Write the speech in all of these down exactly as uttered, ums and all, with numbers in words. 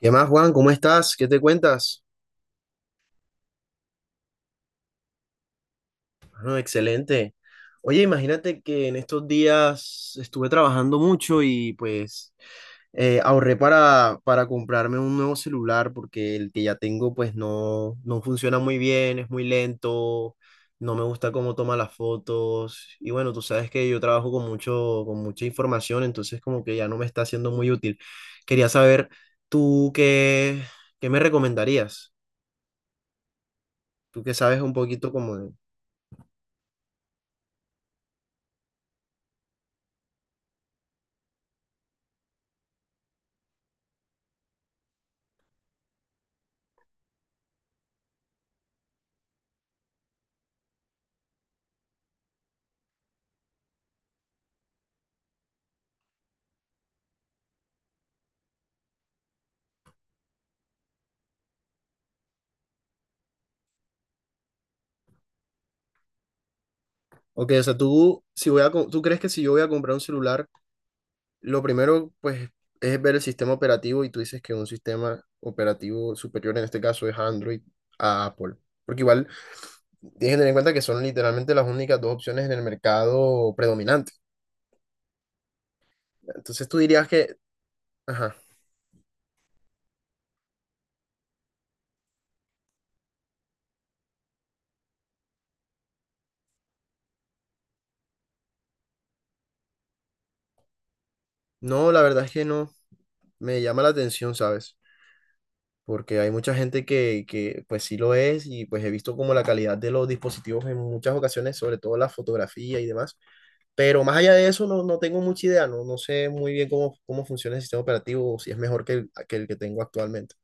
¿Qué más, Juan? ¿Cómo estás? ¿Qué te cuentas? Bueno, excelente. Oye, imagínate que en estos días estuve trabajando mucho y pues eh, ahorré para, para comprarme un nuevo celular porque el que ya tengo pues no, no funciona muy bien, es muy lento, no me gusta cómo toma las fotos y bueno, tú sabes que yo trabajo con mucho, con mucha información, entonces como que ya no me está siendo muy útil. Quería saber, ¿tú qué, ¿qué me recomendarías? Tú que sabes un poquito como de… Ok, o sea, tú, si voy a, co- tú crees que si yo voy a comprar un celular, lo primero, pues, es ver el sistema operativo y tú dices que un sistema operativo superior en este caso es Android a Apple. Porque igual tienes que tener en cuenta que son literalmente las únicas dos opciones en el mercado predominante. Entonces tú dirías que, ajá, no, la verdad es que no, me llama la atención, ¿sabes? Porque hay mucha gente que, que pues sí lo es y pues he visto como la calidad de los dispositivos en muchas ocasiones, sobre todo la fotografía y demás. Pero más allá de eso, no, no tengo mucha idea, no, no sé muy bien cómo, cómo funciona el sistema operativo o si es mejor que el, que el que tengo actualmente.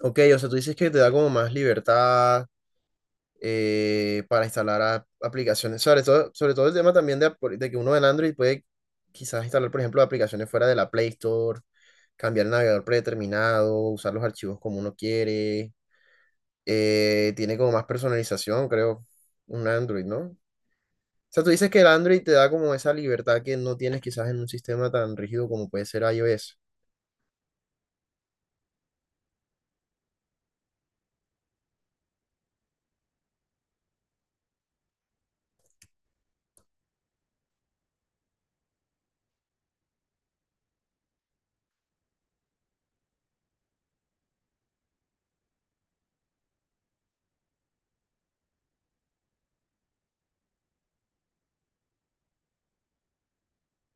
Ok, o sea, tú dices que te da como más libertad, eh, para instalar a- aplicaciones, sobre todo, sobre todo el tema también de, ap- de que uno en Android puede quizás instalar, por ejemplo, aplicaciones fuera de la Play Store, cambiar el navegador predeterminado, usar los archivos como uno quiere, eh, tiene como más personalización, creo, un Android, ¿no? O sea, tú dices que el Android te da como esa libertad que no tienes quizás en un sistema tan rígido como puede ser iOS.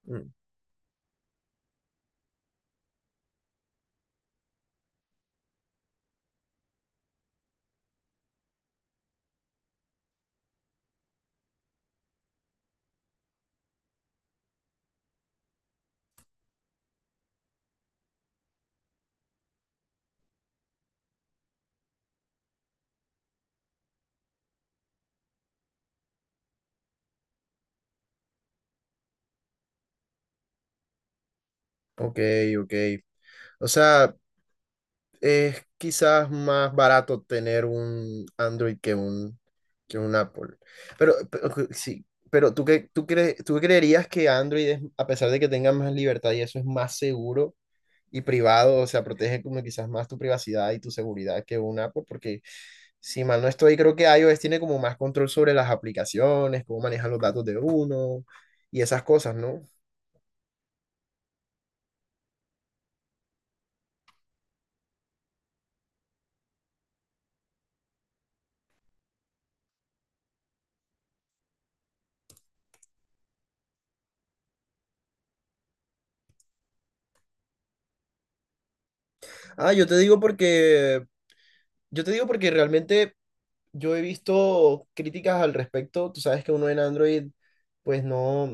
Mm, ok, ok. O sea, es quizás más barato tener un Android que un, que un Apple. Pero, pero sí, pero ¿tú, qué, tú, cre- tú creerías que Android es, a pesar de que tenga más libertad y eso, ¿es más seguro y privado? O sea, protege como quizás más tu privacidad y tu seguridad que una Apple, porque si mal no estoy, creo que iOS tiene como más control sobre las aplicaciones, cómo manejan los datos de uno y esas cosas, ¿no? Ah, yo te digo porque, yo te digo porque realmente yo he visto críticas al respecto. Tú sabes que uno en Android, pues no,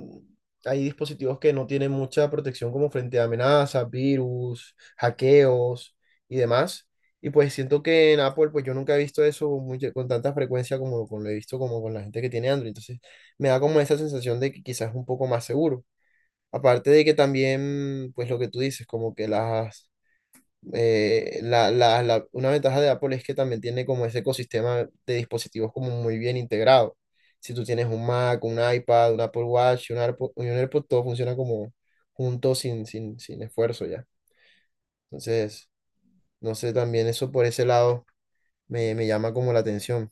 hay dispositivos que no tienen mucha protección como frente a amenazas, virus, hackeos y demás. Y pues siento que en Apple, pues yo nunca he visto eso muy- con tanta frecuencia como, como lo he visto como con la gente que tiene Android. Entonces me da como esa sensación de que quizás es un poco más seguro. Aparte de que también, pues lo que tú dices, como que las eh, la, la- la- una ventaja de Apple es que también tiene como ese ecosistema de dispositivos como muy bien integrado. Si tú tienes un Mac, un iPad, un Apple Watch, un AirPod, un AirPod, todo funciona como junto sin, sin, sin esfuerzo ya. Entonces, no sé, también eso por ese lado me, me llama como la atención.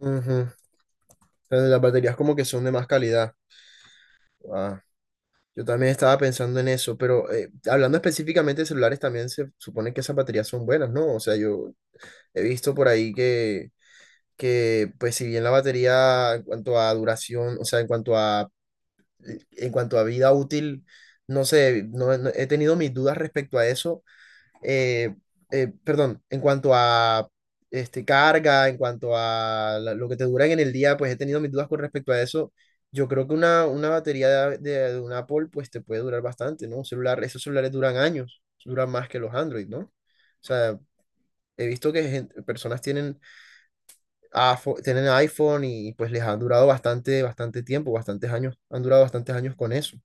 Ujú. Pero las baterías como que son de más calidad. Ah, yo también estaba pensando en eso, pero eh, hablando específicamente de celulares, también se supone que esas baterías son buenas, ¿no? O sea, yo he visto por ahí que que pues si bien la batería en cuanto a duración, o sea, en cuanto a, en cuanto a vida útil, no sé, no, no- he tenido mis dudas respecto a eso, eh, eh, perdón, en cuanto a este, carga, en cuanto a la- lo que te duran en el día, pues he tenido mis dudas con respecto a eso. Yo creo que una, una batería de, de, de un Apple pues te puede durar bastante, ¿no? Un celular, esos celulares duran años, duran más que los Android, ¿no? O sea, he visto que gen- personas tienen afo- tienen iPhone y pues les han durado bastante, bastante tiempo, bastantes años, han durado bastantes años con eso.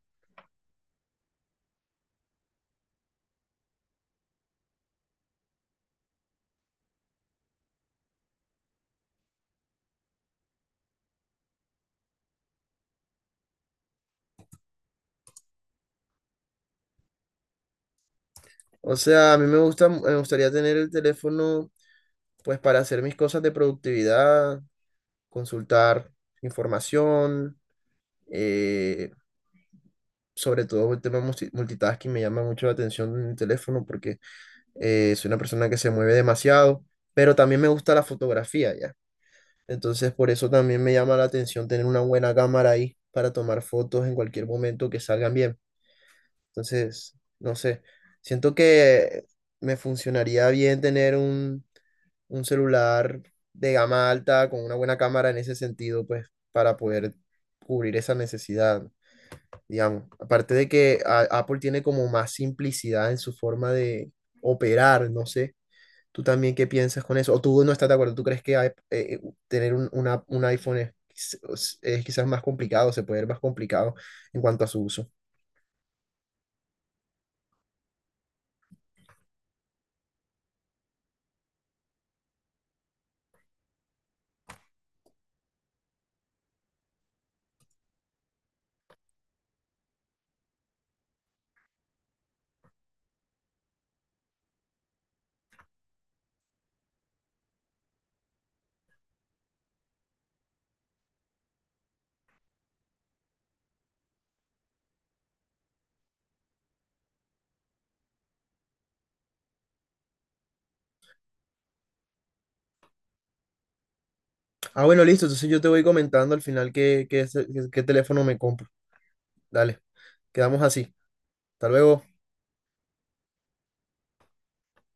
O sea, a mí me gusta, me gustaría tener el teléfono pues para hacer mis cosas de productividad, consultar información, eh, sobre todo el tema multi- multitasking me llama mucho la atención en el teléfono porque eh, soy una persona que se mueve demasiado, pero también me gusta la fotografía ya. Entonces, por eso también me llama la atención tener una buena cámara ahí para tomar fotos en cualquier momento que salgan bien. Entonces, no sé, siento que me funcionaría bien tener un, un celular de gama alta con una buena cámara en ese sentido, pues para poder cubrir esa necesidad, digamos. Aparte de que a- Apple tiene como más simplicidad en su forma de operar, no sé. ¿Tú también qué piensas con eso? ¿O tú no estás de acuerdo? ¿Tú crees que hay- eh, tener un, una- un iPhone es, es quizás más complicado, se puede ver más complicado en cuanto a su uso? Ah, bueno, listo. Entonces yo te voy comentando al final qué, qué, qué teléfono me compro. Dale, quedamos así. Hasta luego.